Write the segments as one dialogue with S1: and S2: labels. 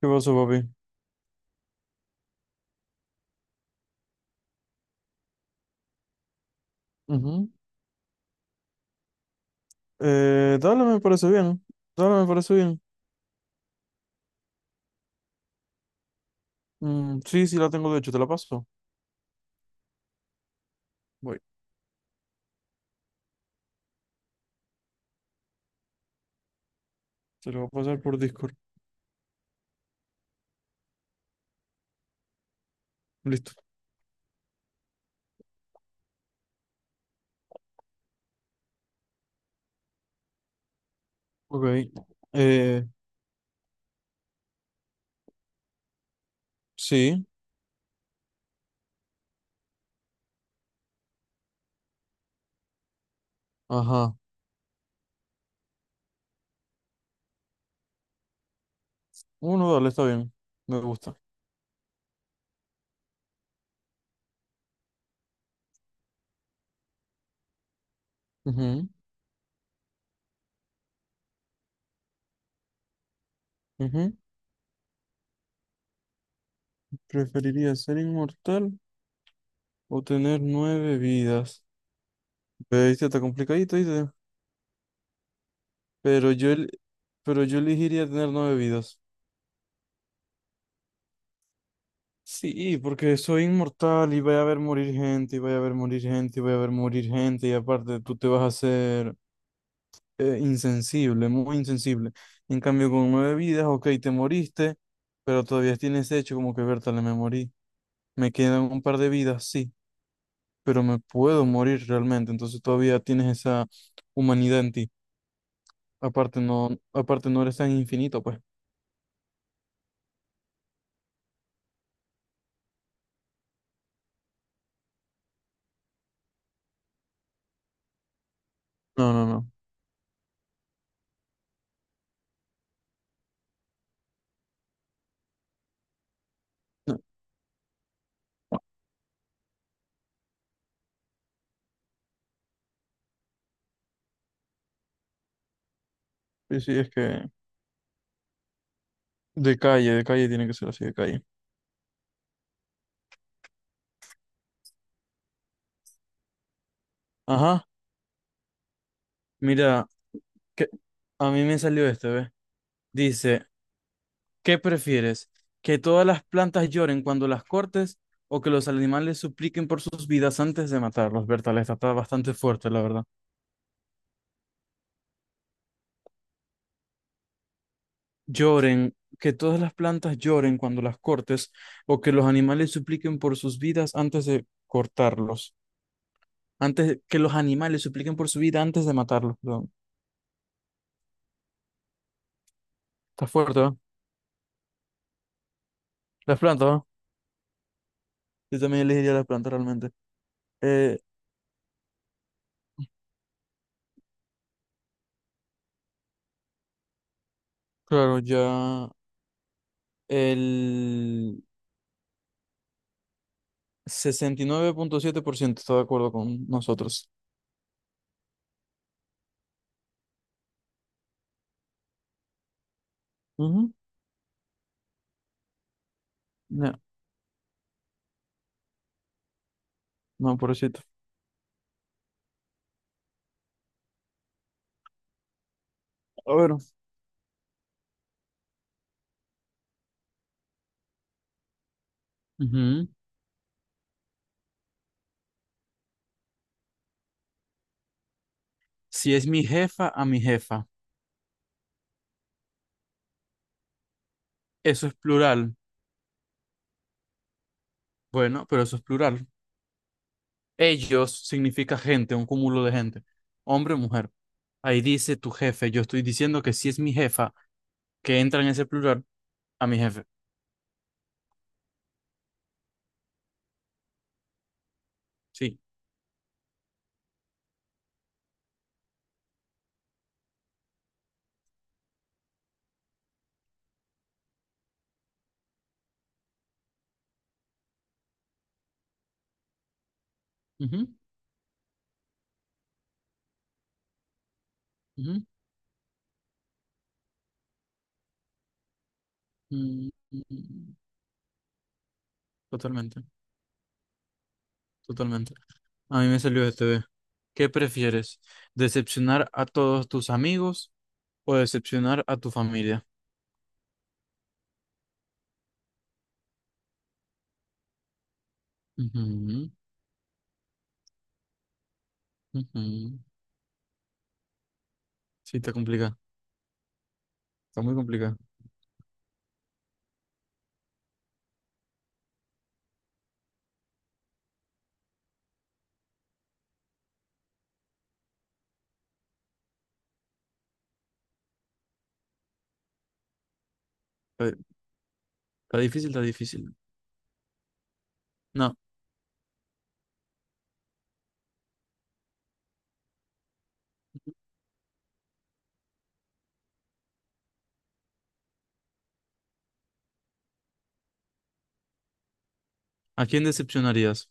S1: ¿Qué pasó, papi? Ujú. Dale, me parece bien. Dale, me parece bien. Mm, sí, sí, la tengo de hecho, te la paso. Voy, te la voy a pasar por Discord. Listo. Ok. Eh, sí, ajá. Uno, dale, está bien. Me gusta. Ujú, ujú. ¿Preferiría ser inmortal o tener nueve vidas? Viste, está complicadito, ¿viste? Pero yo, el- pero yo elegiría tener nueve vidas. Sí, porque soy inmortal y voy a ver morir gente, y voy a ver morir gente, y voy a ver morir gente, y aparte tú te vas a hacer insensible, muy insensible. En cambio, con nueve vidas, ok, te moriste, pero todavía tienes hecho como que, Bertale, me morí. Me quedan un par de vidas, sí, pero me puedo morir realmente, entonces todavía tienes esa humanidad en ti. Aparte no eres tan infinito, pues. No, no, no. No, sí, sí, es que de calle tiene que ser así, de calle. Ajá, mira. que- A mí me salió este, ¿ves? Dice, ¿qué prefieres? ¿Que todas las plantas lloren cuando las cortes o que los animales supliquen por sus vidas antes de matarlos? Berta, esta está bastante fuerte, la verdad. Lloren, que todas las plantas lloren cuando las cortes o que los animales supliquen por sus vidas antes de cortarlos. Antes, que los animales supliquen por su vida antes de matarlos, perdón. Está fuerte, ¿va? Las plantas, ¿va? Yo también elegiría las plantas realmente. Eh, claro, ya el 69,7% está de acuerdo con nosotros. Ujú. Ya, no, pobrecito. A ver. Ujú. Si es mi jefa, a mi jefa. Eso es plural. Bueno, pero eso es plural. Ellos significa gente, un cúmulo de gente. Hombre o mujer. Ahí dice tu jefe. Yo estoy diciendo que si es mi jefa, que entra en ese plural, a mi jefe. Sí. Ujú, ujú, mm, mm, mm. Totalmente, totalmente. A mí me salió este. ¿Qué prefieres? ¿Decepcionar a todos tus amigos o decepcionar a tu familia? Ujú, ujú. Sí, está complicado. Está muy complicado. Está, está difícil, está difícil. No, ¿a quién decepcionarías?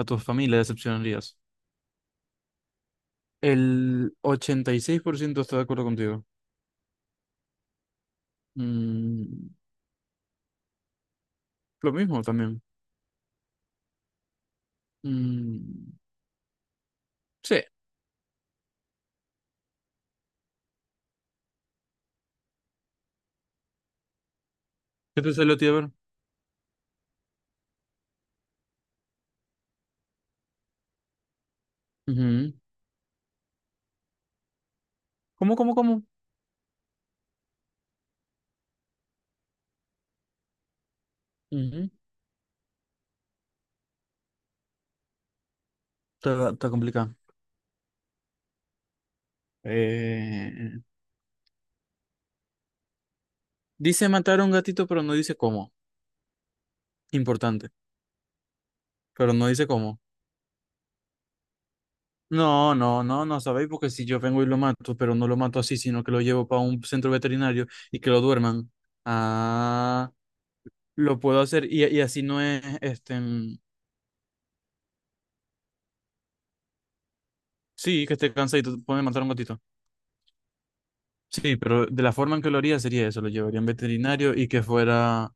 S1: A tu familia decepcionarías. El 86% está de acuerdo contigo. Mm, Lo mismo también. Mm, sí. ¿Qué te salió a ti, a ver? Ujú. ¿Cómo, cómo, cómo? Ujú, está complicado. Eh, Dice matar a un gatito, pero no dice cómo. Importante, pero no dice cómo. No, no, no, no sabéis, porque si yo vengo y lo mato, pero no lo mato así, sino que lo llevo para un centro veterinario y que lo duerman. Ah, lo puedo hacer y así no es, sí, que esté cansadito, puede matar a un gatito. Sí, pero de la forma en que lo haría sería eso, lo llevaría a un veterinario y que fuera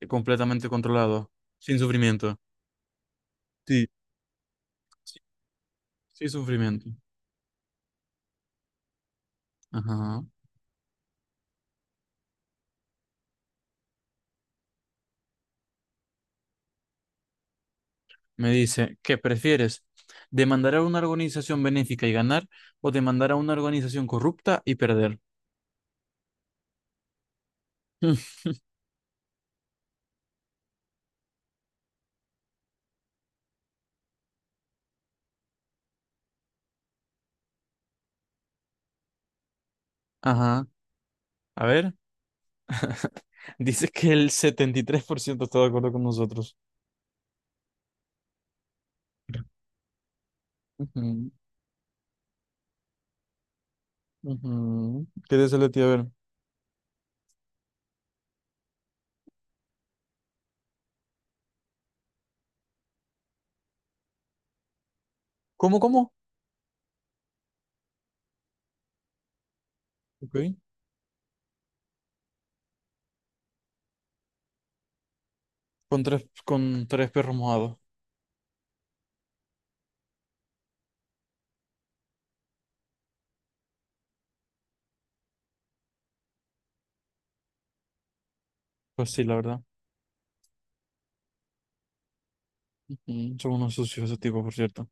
S1: completamente controlado, sin sufrimiento. Sí, sí, sí, sin sufrimiento. Ajá. Me dice, ¿qué prefieres? ¿Demandar a una organización benéfica y ganar o demandar a una organización corrupta y perder? Mm, ajá. A ver, dice que el 73% está de acuerdo con nosotros. Ujú, ujú. ¿Qué dice Leti? A ver. ¿Cómo, cómo? Ok. Con tres perros mojados. Pues sí, la verdad. Ujú, son unos sucios esos tipos, por cierto.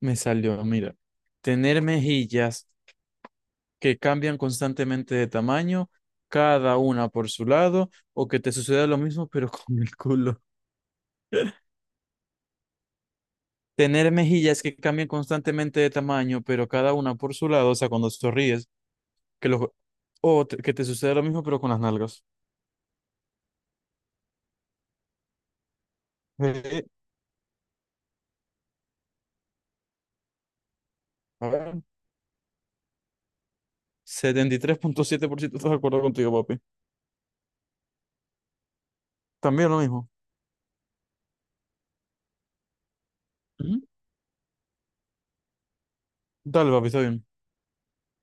S1: Me salió, mira. Tener mejillas que cambian constantemente de tamaño, cada una por su lado, o que te suceda lo mismo, pero con el culo. Tener mejillas que cambian constantemente de tamaño, pero cada una por su lado, o sea, cuando sonríes, que lo, que te suceda lo mismo, pero con las nalgas. Eh, a ver, 73,7% estoy de acuerdo contigo, papi. También lo mismo. Ujú. Dale, papi, está bien.